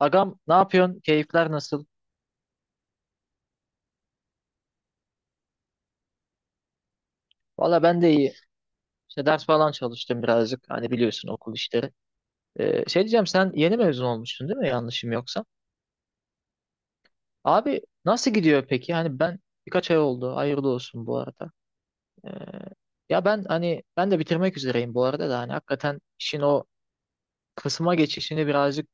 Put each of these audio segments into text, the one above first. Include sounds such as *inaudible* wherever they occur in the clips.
Agam, ne yapıyorsun? Keyifler nasıl? Valla ben de iyi. İşte ders falan çalıştım birazcık. Hani biliyorsun, okul işleri. Şey diyeceğim, sen yeni mezun olmuştun değil mi? Yanlışım yoksa. Abi nasıl gidiyor peki? Hani ben birkaç ay oldu. Hayırlı olsun bu arada. Ee, Ya ben, hani ben de bitirmek üzereyim bu arada da, hani hakikaten işin o kısma geçişini birazcık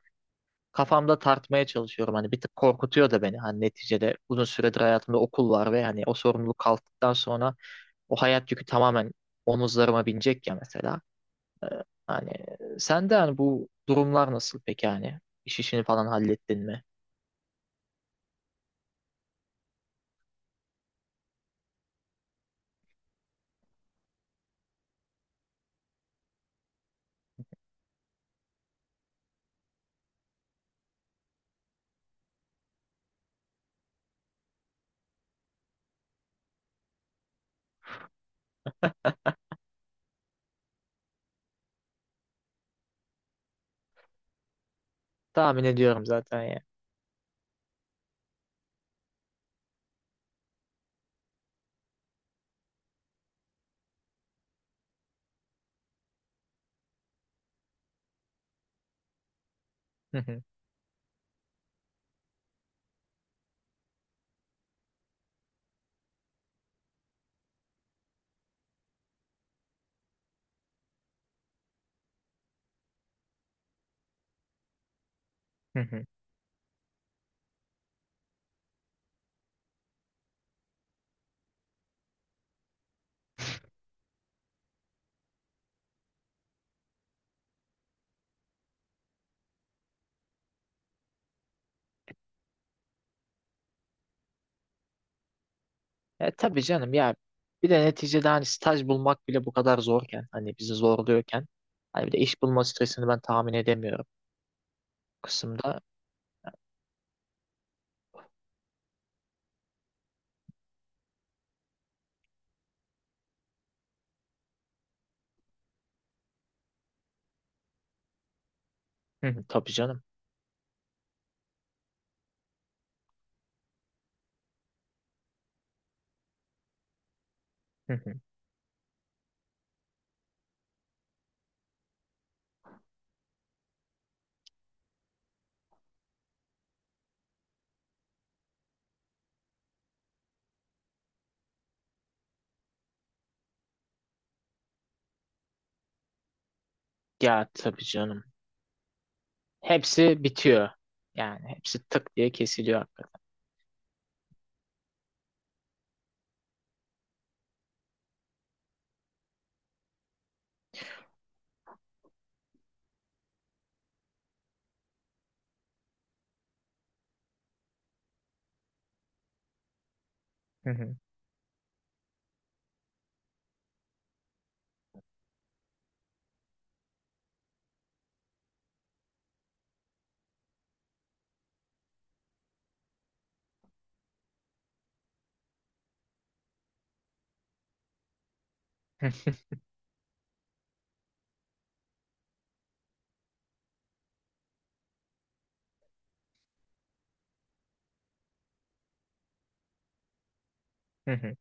kafamda tartmaya çalışıyorum. Hani bir tık korkutuyor da beni. Hani neticede uzun süredir hayatımda okul var ve hani o sorumluluk kalktıktan sonra o hayat yükü tamamen omuzlarıma binecek ya, mesela. Hani sende hani bu durumlar nasıl peki, hani? İş, işini falan hallettin mi? Tahmin ediyorum zaten ya. Hı hı, hı hı. E tabii canım ya. Bir de neticede hani staj bulmak bile bu kadar zorken, hani bizi zorluyorken, hani bir de iş bulma stresini ben tahmin edemiyorum bu kısımda. Hı hı, tabii canım. Hı hı. Ya tabii canım. Hepsi bitiyor. Yani hepsi tık diye kesiliyor. Hı hı. Hı hı,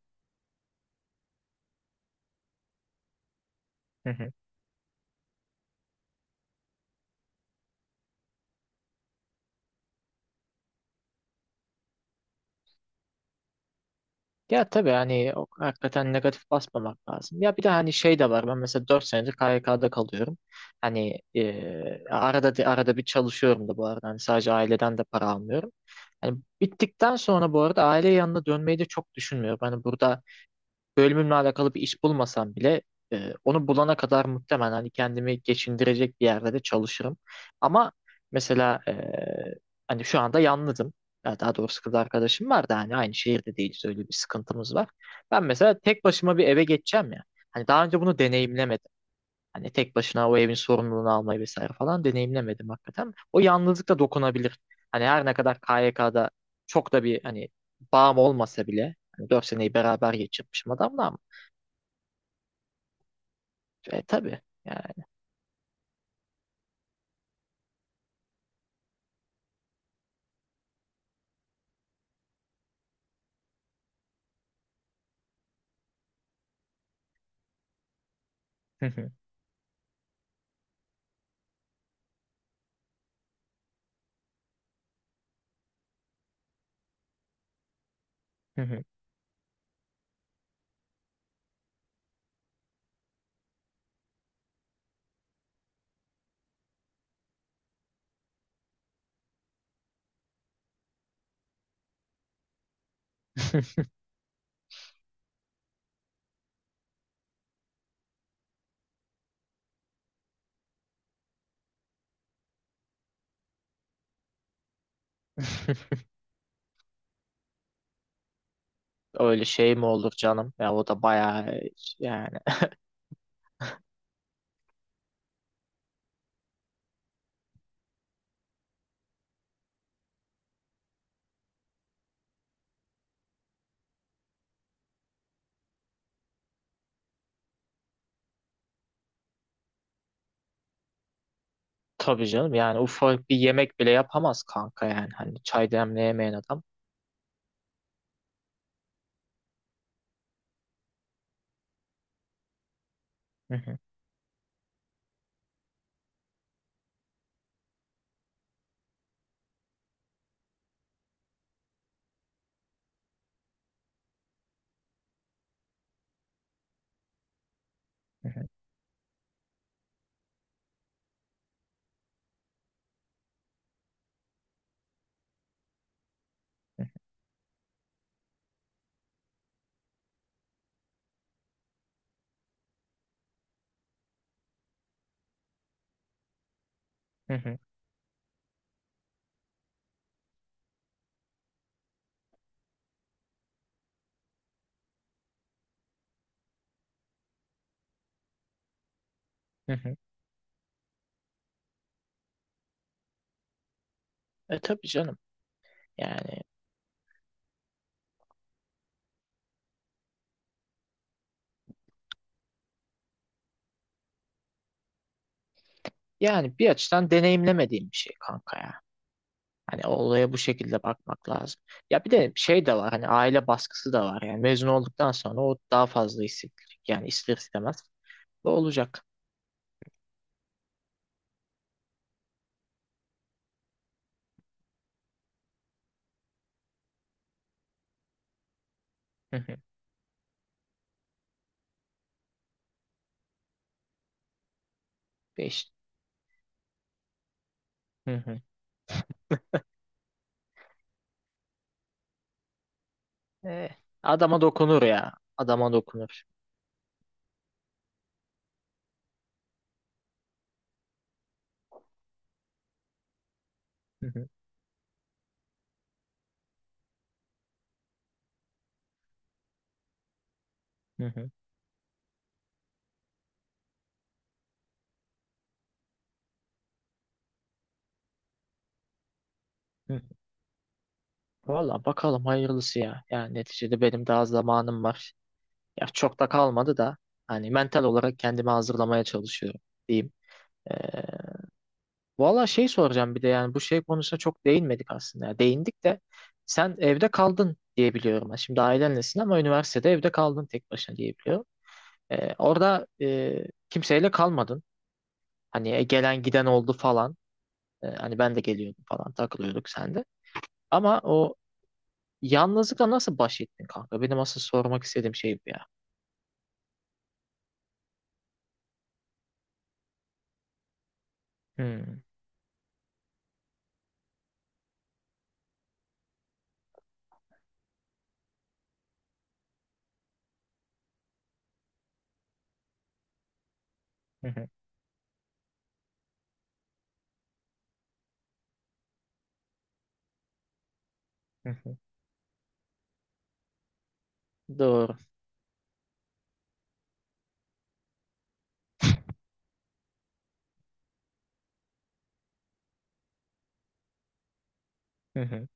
hı hı. Ya tabii hani hakikaten negatif basmamak lazım. Ya bir de hani şey de var. Ben mesela dört senedir KYK'da kalıyorum. Hani arada arada bir çalışıyorum da bu arada. Hani sadece aileden de para almıyorum. Hani bittikten sonra bu arada aile yanına dönmeyi de çok düşünmüyorum. Hani burada bölümümle alakalı bir iş bulmasam bile onu bulana kadar muhtemelen hani kendimi geçindirecek bir yerde de çalışırım. Ama mesela hani şu anda yalnızım. Ya daha doğrusu kız arkadaşım var da hani aynı şehirde değiliz, öyle bir sıkıntımız var. Ben mesela tek başıma bir eve geçeceğim ya. Hani daha önce bunu deneyimlemedim. Hani tek başına o evin sorumluluğunu almayı vesaire falan deneyimlemedim hakikaten. O yalnızlık da dokunabilir. Hani her ne kadar KYK'da çok da bir hani bağım olmasa bile, hani 4 seneyi beraber geçirmişim adamla. E tabii. Yani *laughs* öyle şey mi olur canım? Ya o da bayağı yani *laughs* tabii canım. Yani ufak bir yemek bile yapamaz kanka, yani. Hani çay demleyemeyen adam. *laughs* E tabii canım. Yani yani bir açıdan deneyimlemediğim bir şey kanka ya. Hani olaya bu şekilde bakmak lazım. Ya bir de şey de var, hani aile baskısı da var yani. Mezun olduktan sonra o daha fazla hissedilir. Yani ister istemez bu olacak. Hı hı. Beş. Hı hı. Eh, Adama dokunur ya. Adama dokunur. Hı hı. Hı hı. Hı hı. Valla bakalım hayırlısı ya. Yani neticede benim daha zamanım var. Ya çok da kalmadı da hani mental olarak kendimi hazırlamaya çalışıyorum, diyeyim. Eh, Valla şey soracağım bir de, yani bu şey konusuna çok değinmedik aslında ya. Değindik de sen evde kaldın diye biliyorum ben. Şimdi ailenlesin ama üniversitede evde kaldın tek başına diye biliyorum. Orada kimseyle kalmadın. Hani gelen giden oldu falan. Hani ben de geliyordum falan, takılıyorduk sen de. Ama o yalnızlıkla nasıl baş ettin kanka? Benim asıl sormak istediğim şey bu ya. Hmm. Hı hı, hı hı. Doğru. Hı hı,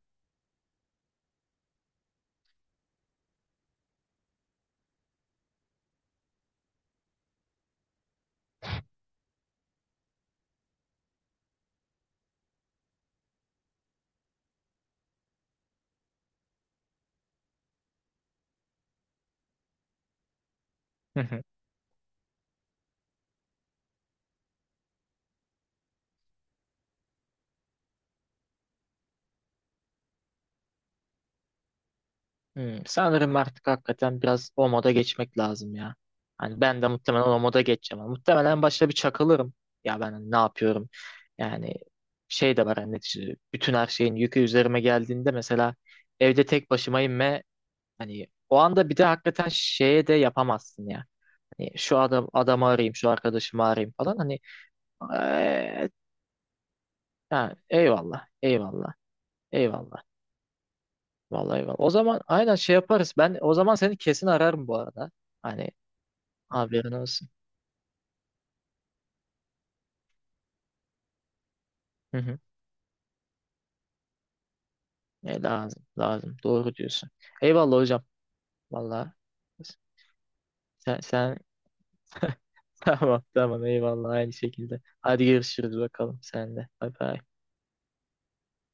hı hı. Hmm, sanırım artık hakikaten biraz o moda geçmek lazım ya. Hani ben de muhtemelen o moda geçeceğim. Muhtemelen başta bir çakılırım. Ya ben hani ne yapıyorum? Yani şey de var, hani neticede bütün her şeyin yükü üzerime geldiğinde mesela evde tek başımayım ve hani o anda bir de hakikaten şeye de yapamazsın ya. Hani şu adamı arayayım, şu arkadaşımı arayayım falan, hani eee, ha, eyvallah, eyvallah, eyvallah. Vallahi eyvallah. O zaman aynen şey yaparız. Ben o zaman seni kesin ararım bu arada. Hani haberin olsun. Hı hı. E, lazım, lazım. Doğru diyorsun. Eyvallah hocam. Vallahi sen, sen... *laughs* Tamam, tamam. Eyvallah. Aynı şekilde. Hadi görüşürüz bakalım sen de. Bay bay.